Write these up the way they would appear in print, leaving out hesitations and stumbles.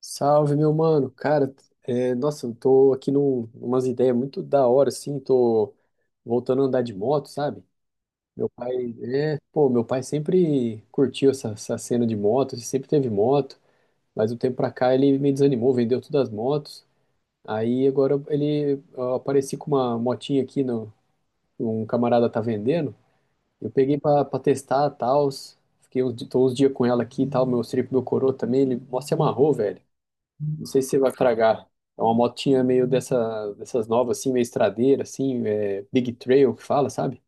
Salve, meu mano. Cara, é, nossa, eu tô aqui umas ideias muito da hora, assim. Tô voltando a andar de moto, sabe? Meu pai, meu pai sempre curtiu essa cena de moto, ele sempre teve moto, mas um tempo pra cá ele me desanimou, vendeu todas as motos. Aí agora eu apareci com uma motinha aqui, no, um camarada tá vendendo. Eu peguei pra testar, tal. Tô uns dias com ela aqui e tal. Meu coroa também, ele mó se amarrou, velho. Não sei se você vai fragar. É uma motinha meio dessas novas, assim, meio estradeira, assim, Big Trail que fala, sabe?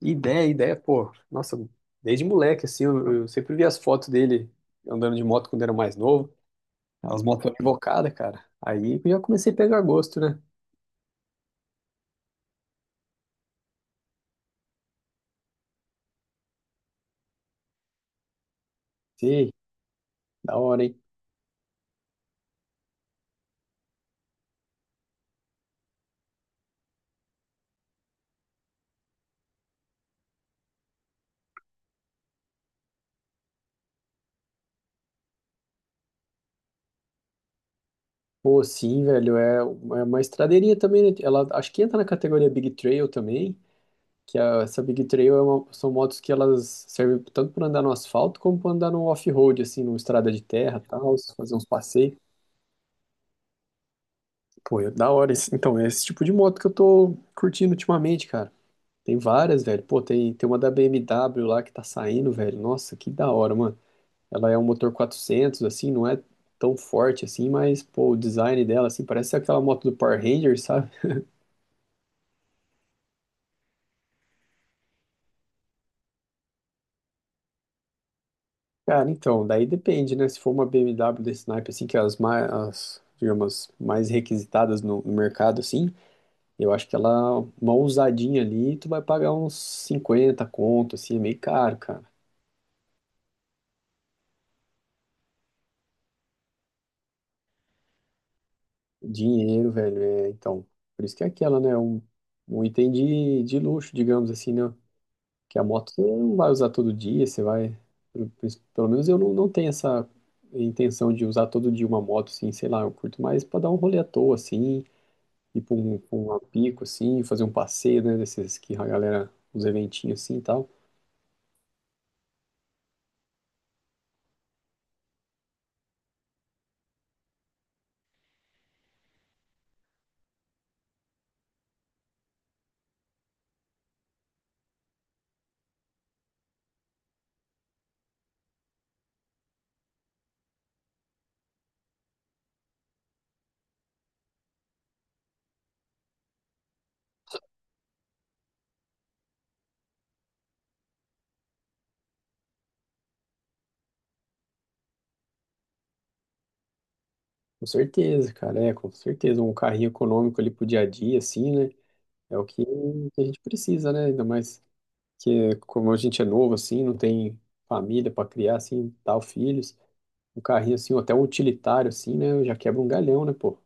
Ideia, ideia, pô. Nossa, desde moleque, assim, eu sempre vi as fotos dele andando de moto quando era mais novo. As motos invocadas, cara. Aí eu já comecei a pegar gosto, né? Sei, da hora, hein? Pô, sim, velho, é uma estradeirinha também, né? Ela acho que entra na categoria Big Trail também. Essa Big Trail são motos que elas servem tanto para andar no asfalto como para andar no off-road, assim, numa estrada de terra, tal, fazer uns passeios. Pô, é da hora. Então, é esse tipo de moto que eu tô curtindo ultimamente, cara. Tem várias, velho. Pô, tem uma da BMW lá que tá saindo, velho. Nossa, que da hora, mano. Ela é um motor 400 assim, não é tão forte assim, mas, pô, o design dela, assim, parece aquela moto do Power Rangers, sabe? Cara, então, daí depende, né? Se for uma BMW desse naipe, assim, que é as mais, as, digamos, mais requisitadas no mercado, assim, eu acho que uma ousadinha ali, tu vai pagar uns 50 conto, assim, é meio caro, cara. Dinheiro, velho, então, por isso que é aquela, né? Um item de luxo, digamos assim, né? Que a moto você não vai usar todo dia, você vai, pelo, pelo menos eu não tenho essa intenção de usar todo dia uma moto, assim, sei lá, eu curto mais pra dar um rolê à toa, assim, ir pra um pico, assim, fazer um passeio, né, desses que a galera, uns eventinhos assim e tal. Com certeza, cara, com certeza. Um carrinho econômico ali pro dia a dia, assim, né, é o que a gente precisa, né, ainda mais que como a gente é novo, assim, não tem família para criar, assim, tal, filhos. Um carrinho, assim, ou até um utilitário, assim, né, já quebra um galhão, né, pô.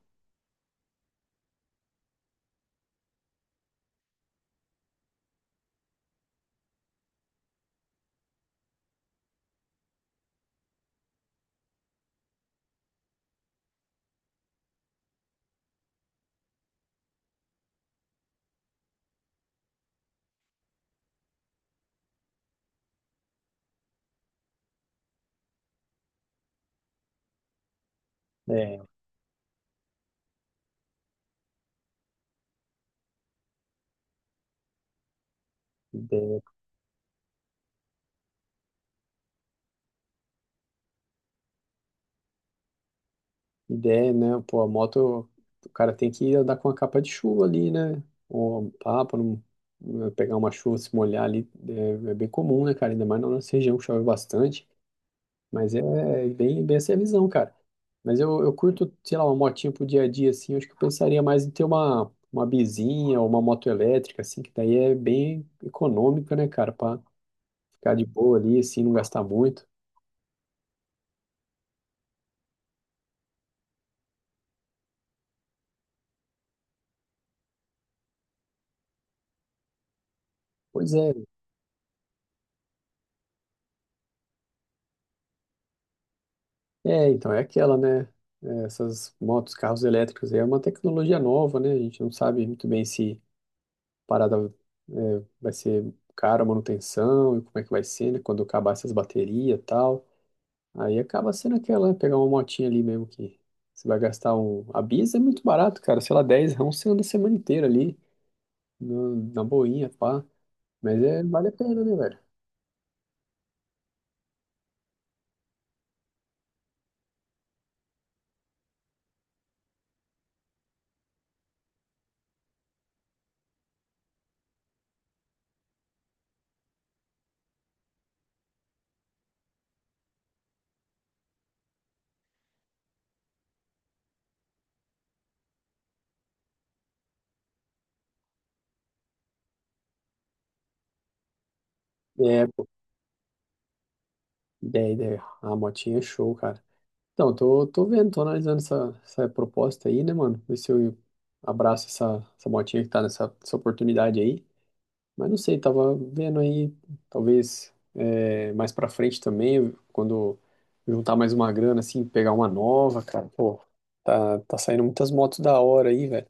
É, ideia, né? Pô, a moto, o cara tem que andar com a capa de chuva ali, né? Ou pá, pra não pegar uma chuva, se molhar ali, é bem comum, né, cara? Ainda mais na nossa região que chove bastante. Mas é bem essa é a visão, cara. Mas eu curto, sei lá, uma motinha pro dia a dia, assim. Eu acho que eu pensaria mais em ter uma bizinha ou uma moto elétrica, assim, que daí é bem econômica, né, cara? Pra ficar de boa ali, assim, não gastar muito. Pois é. É, então, é aquela, né? É, essas motos, carros elétricos aí é uma tecnologia nova, né? A gente não sabe muito bem se a parada vai ser cara a manutenção e como é que vai ser, né? Quando acabar essas baterias e tal. Aí acaba sendo aquela, né? Pegar uma motinha ali mesmo que você vai gastar um. A Biz é muito barato, cara. Sei lá, 10, rão você anda a semana inteira ali, na boinha, pá. Mas é, vale a pena, né, velho? É, pô, ideia, ideia. A motinha é show, cara. Então, tô vendo, tô analisando essa proposta aí, né, mano? Ver se eu abraço essa motinha que tá nessa essa oportunidade aí. Mas não sei, tava vendo aí, talvez mais pra frente também, quando juntar mais uma grana, assim, pegar uma nova, cara. Pô, tá saindo muitas motos da hora aí, velho.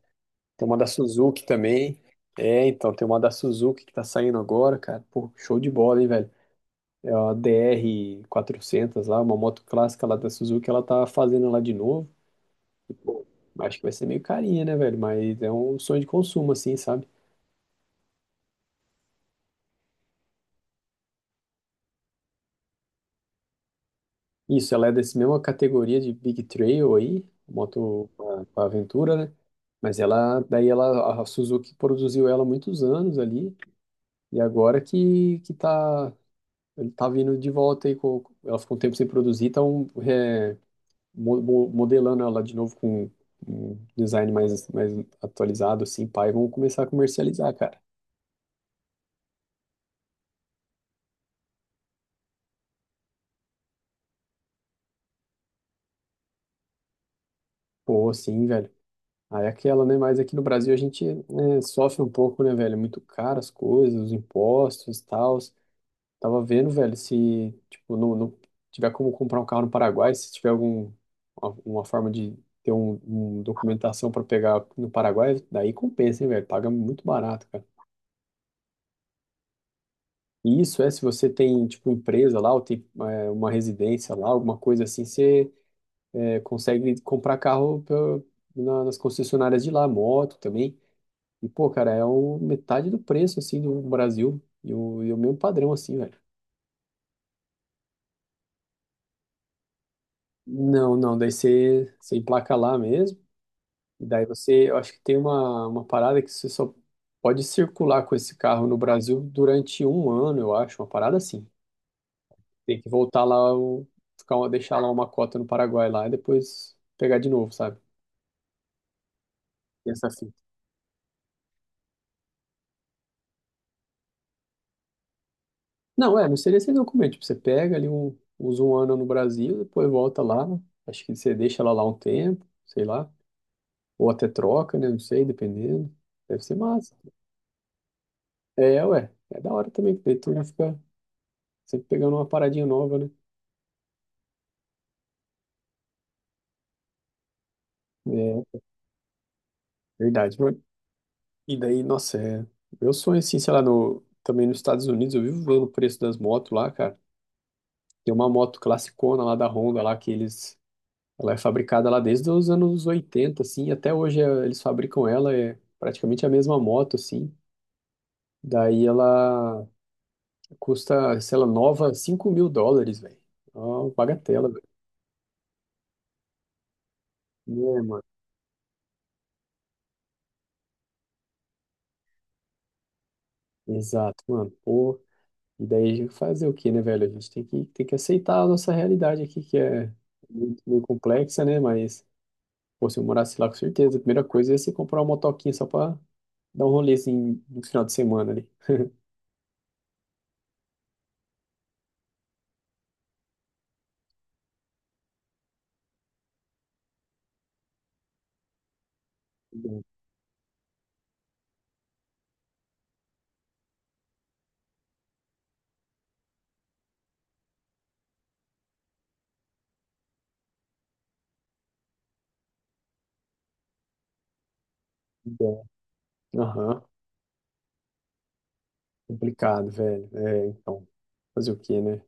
Tem uma da Suzuki também. É, então, tem uma da Suzuki que tá saindo agora, cara. Pô, show de bola, hein, velho? É a DR400 lá, uma moto clássica lá da Suzuki, ela tá fazendo lá de novo. Bom, acho que vai ser meio carinha, né, velho? Mas é um sonho de consumo, assim, sabe? Isso, ela é dessa mesma categoria de Big Trail aí, moto pra aventura, né? A Suzuki produziu ela há muitos anos ali, e agora que tá, ele tá vindo de volta aí, ela ficou um tempo sem produzir, estão modelando ela de novo com um design mais atualizado, assim, pá, e vão começar a comercializar, cara. Pô, sim, velho. Aí é aquela, né? Mas aqui no Brasil a gente, né, sofre um pouco, né, velho? É muito caro as coisas, os impostos e tal. Tava vendo, velho, se, tipo, não tiver como comprar um carro no Paraguai, se tiver algum, uma forma de ter um documentação para pegar no Paraguai, daí compensa, hein, velho? Paga muito barato, cara. E isso é se você tem, tipo, empresa lá, ou tem, uma residência lá, alguma coisa assim, você, consegue comprar carro nas concessionárias de lá, moto também. E, pô, cara, é o metade do preço, assim, do Brasil. E o mesmo padrão, assim, velho. Não, não, daí você emplaca lá mesmo. E daí eu acho que tem uma parada que você só pode circular com esse carro no Brasil durante um ano, eu acho, uma parada assim. Tem que voltar lá, ficar, deixar lá uma cota no Paraguai lá e depois pegar de novo, sabe? Tem essa fita. Não, não seria esse documento. Tipo, você pega ali, usa um ano no Brasil, depois volta lá. Acho que você deixa ela lá um tempo, sei lá. Ou até troca, né? Não sei, dependendo. Deve ser massa. É, ué. É da hora também, porque daí tu já fica sempre pegando uma paradinha nova, né? É, verdade. E daí, nossa, é. Meu sonho, assim, sei lá, no, também nos Estados Unidos, eu vivo vendo o preço das motos lá, cara. Tem uma moto classicona lá da Honda, lá que eles. Ela é fabricada lá desde os anos 80, assim, até hoje eles fabricam ela, é praticamente a mesma moto, assim. Daí ela custa, sei lá, nova US$ 5.000, velho. Ó, bagatela, né, mano? Exato, mano. Pô, e daí a gente fazer o quê, né, velho? A gente tem que aceitar a nossa realidade aqui, que é meio complexa, né? Mas, pô, se eu morasse lá, com certeza, a primeira coisa ia ser comprar uma motoquinha só pra dar um rolê, assim, no final de semana ali. Bom, bom. Aham, complicado, velho. É, então, fazer o quê, né?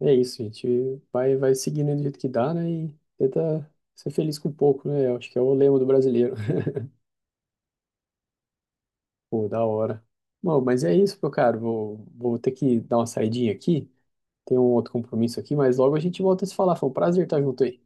É isso, a gente vai seguindo do jeito que dá, né? E tenta ser feliz com pouco, né? Eu acho que é o lema do brasileiro. Pô, da hora. Bom, mas é isso, meu caro. Vou ter que dar uma saidinha aqui. Tem um outro compromisso aqui, mas logo a gente volta a se falar. Foi um prazer estar junto aí.